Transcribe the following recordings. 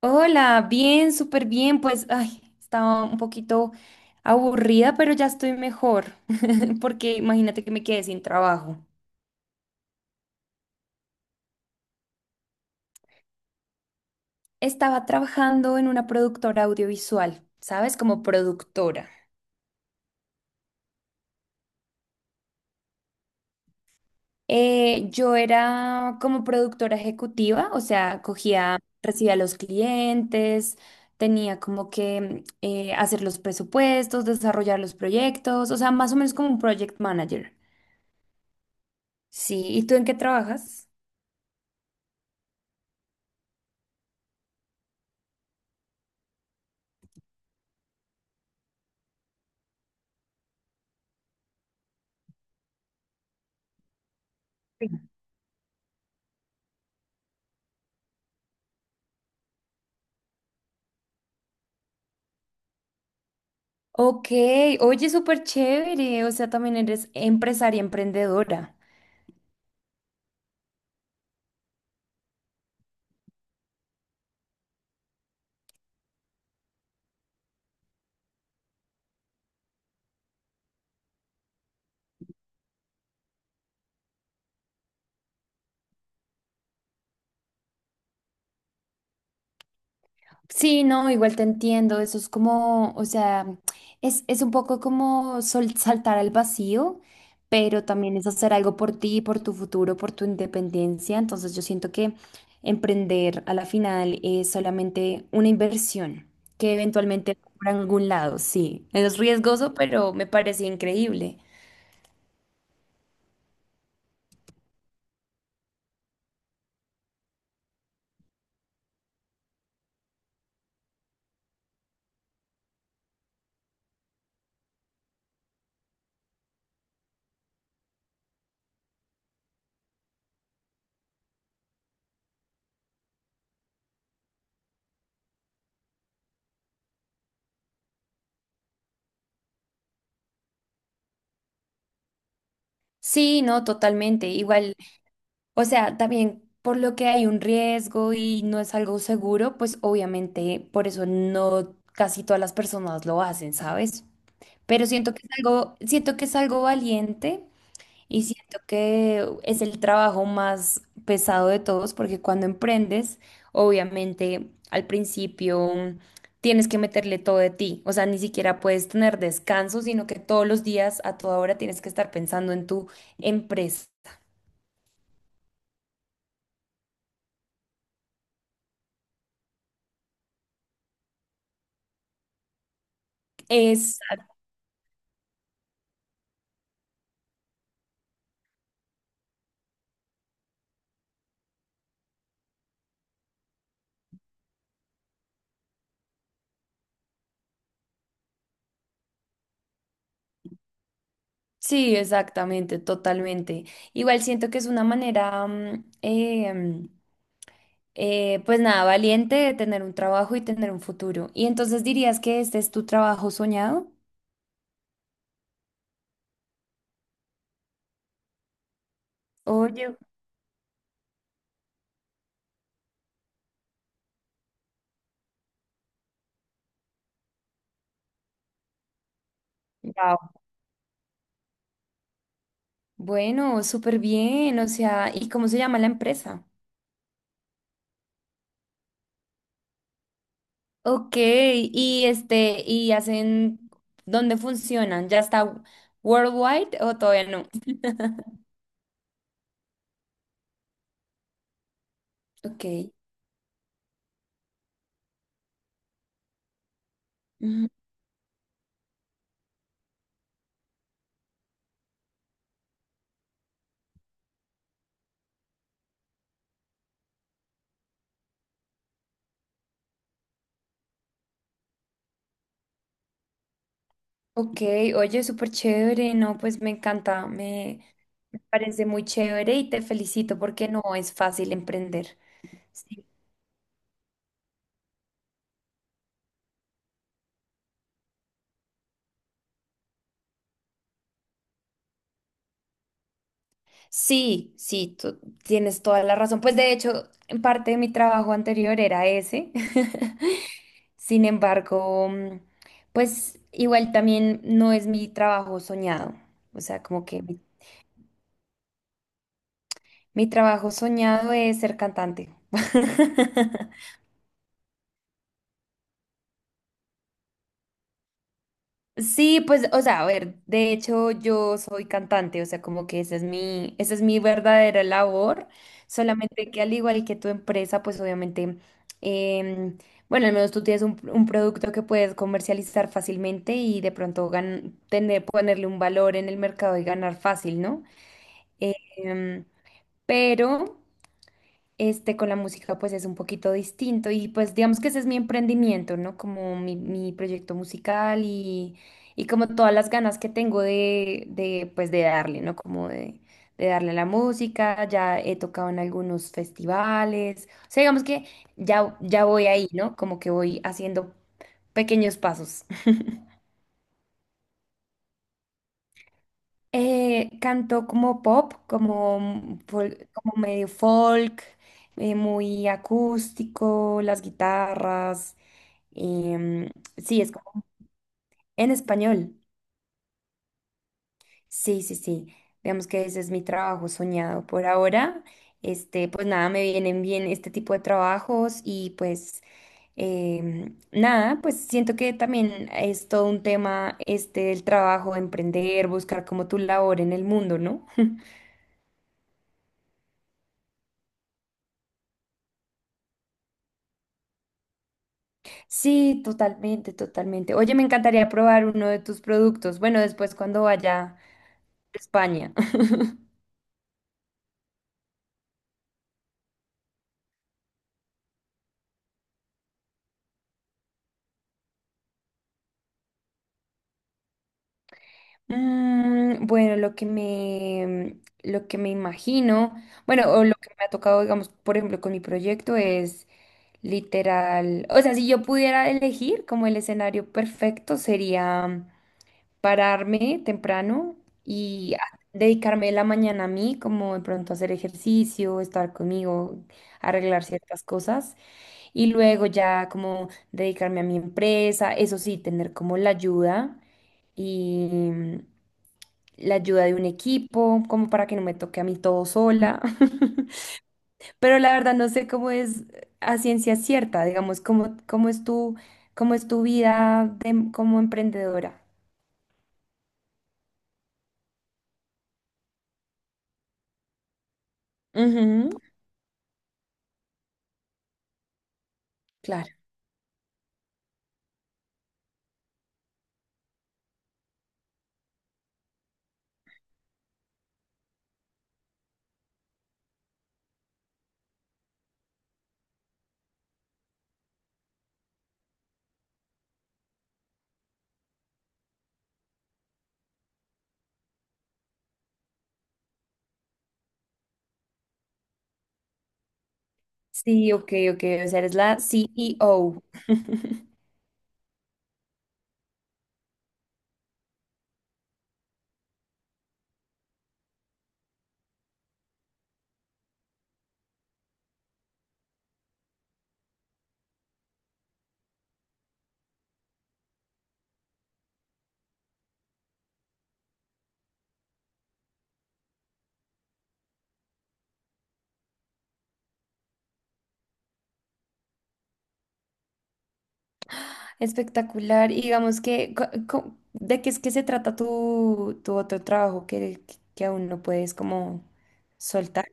Hola, bien, súper bien. Pues, ay, estaba un poquito aburrida, pero ya estoy mejor, porque imagínate que me quedé sin trabajo. Estaba trabajando en una productora audiovisual, ¿sabes? Como productora. Yo era como productora ejecutiva, o sea, cogía, recibía a los clientes, tenía como que hacer los presupuestos, desarrollar los proyectos, o sea, más o menos como un project manager. Sí, ¿y tú en qué trabajas? Ok, oye, súper chévere, o sea, también eres empresaria, emprendedora. Sí, no, igual te entiendo, eso es como, o sea, es un poco como saltar al vacío, pero también es hacer algo por ti, por tu futuro, por tu independencia. Entonces yo siento que emprender a la final es solamente una inversión que eventualmente va por algún lado, sí. Es riesgoso, pero me parece increíble. Sí, no, totalmente. Igual. O sea, también por lo que hay un riesgo y no es algo seguro, pues obviamente por eso no casi todas las personas lo hacen, ¿sabes? Pero siento que es algo, siento que es algo valiente y siento que es el trabajo más pesado de todos, porque cuando emprendes, obviamente al principio tienes que meterle todo de ti. O sea, ni siquiera puedes tener descanso, sino que todos los días, a toda hora, tienes que estar pensando en tu empresa. Es sí, exactamente, totalmente. Igual siento que es una manera, pues nada, valiente de tener un trabajo y tener un futuro. ¿Y entonces dirías que este es tu trabajo soñado? Oye, wow. Bueno, súper bien. O sea, ¿y cómo se llama la empresa? Ok, y este, ¿y hacen dónde funcionan? ¿Ya está worldwide o todavía no? Ok. Ok, oye, súper chévere, no, pues me encanta, me parece muy chévere y te felicito porque no es fácil emprender. Sí, sí, sí, tú tienes toda la razón. Pues de hecho, en parte de mi trabajo anterior era ese. Sin embargo, pues igual también no es mi trabajo soñado. O sea, como que mi trabajo soñado es ser cantante. Sí, pues, o sea, a ver, de hecho yo soy cantante, o sea, como que esa es mi verdadera labor, solamente que al igual que tu empresa, pues obviamente, em, bueno, al menos tú tienes un producto que puedes comercializar fácilmente y de pronto tener, ponerle un valor en el mercado y ganar fácil, ¿no? Em, pero... Este, con la música pues es un poquito distinto y pues digamos que ese es mi emprendimiento, ¿no? Como mi proyecto musical y como todas las ganas que tengo de pues de darle, ¿no? Como de darle a la música, ya he tocado en algunos festivales, o sea, digamos que ya, ya voy ahí, ¿no? Como que voy haciendo pequeños pasos. Canto como pop, como, como medio folk, muy acústico, las guitarras. Em, sí, es como en español. Sí, sí, sí. Digamos que ese es mi trabajo soñado por ahora. Este, pues nada, me vienen bien este tipo de trabajos y pues nada, pues siento que también es todo un tema este el trabajo, emprender, buscar como tu labor en el mundo, ¿no? Sí, totalmente, totalmente. Oye, me encantaría probar uno de tus productos. Bueno, después cuando vaya a España. Mm, bueno, lo que me imagino, bueno, o lo que me ha tocado, digamos, por ejemplo, con mi proyecto es literal, o sea, si yo pudiera elegir como el escenario perfecto sería pararme temprano y dedicarme la mañana a mí, como de pronto hacer ejercicio, estar conmigo, arreglar ciertas cosas y luego ya como dedicarme a mi empresa, eso sí, tener como la ayuda. Y, la ayuda de un equipo, como para que no me toque a mí todo sola. Pero la verdad no sé cómo es a ciencia cierta, digamos, cómo, cómo es tu como emprendedora. Ujú, claro. Sí, ok, ok, o sea, eres la CEO. Espectacular. Y digamos que, co- co- ¿de qué es que se trata tu, tu otro trabajo que aún no puedes como soltar?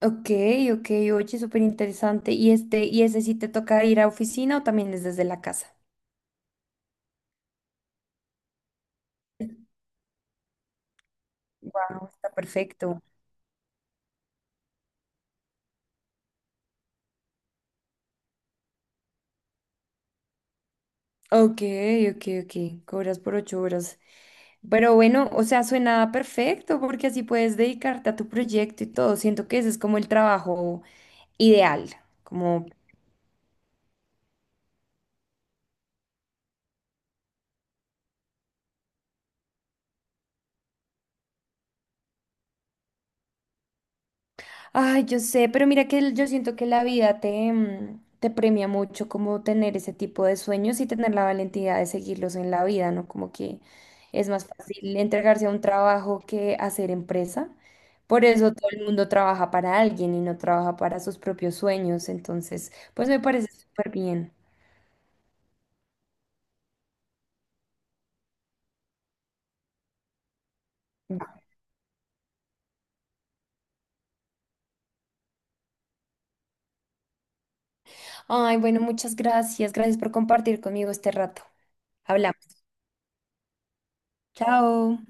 Ok, ok, oye, súper interesante. ¿Y este, y ese sí te toca ir a oficina o también es desde la casa? Wow, está perfecto. Ok, ok, ok. Cobras por 8 horas. Pero bueno, o sea, suena perfecto porque así puedes dedicarte a tu proyecto y todo. Siento que ese es como el trabajo ideal, como ay, yo sé, pero mira que yo siento que la vida te, te premia mucho como tener ese tipo de sueños y tener la valentía de seguirlos en la vida, ¿no? Como que es más fácil entregarse a un trabajo que hacer empresa. Por eso todo el mundo trabaja para alguien y no trabaja para sus propios sueños. Entonces, pues me parece súper bien. Ay, bueno, muchas gracias. Gracias por compartir conmigo este rato. Hablamos. Chao.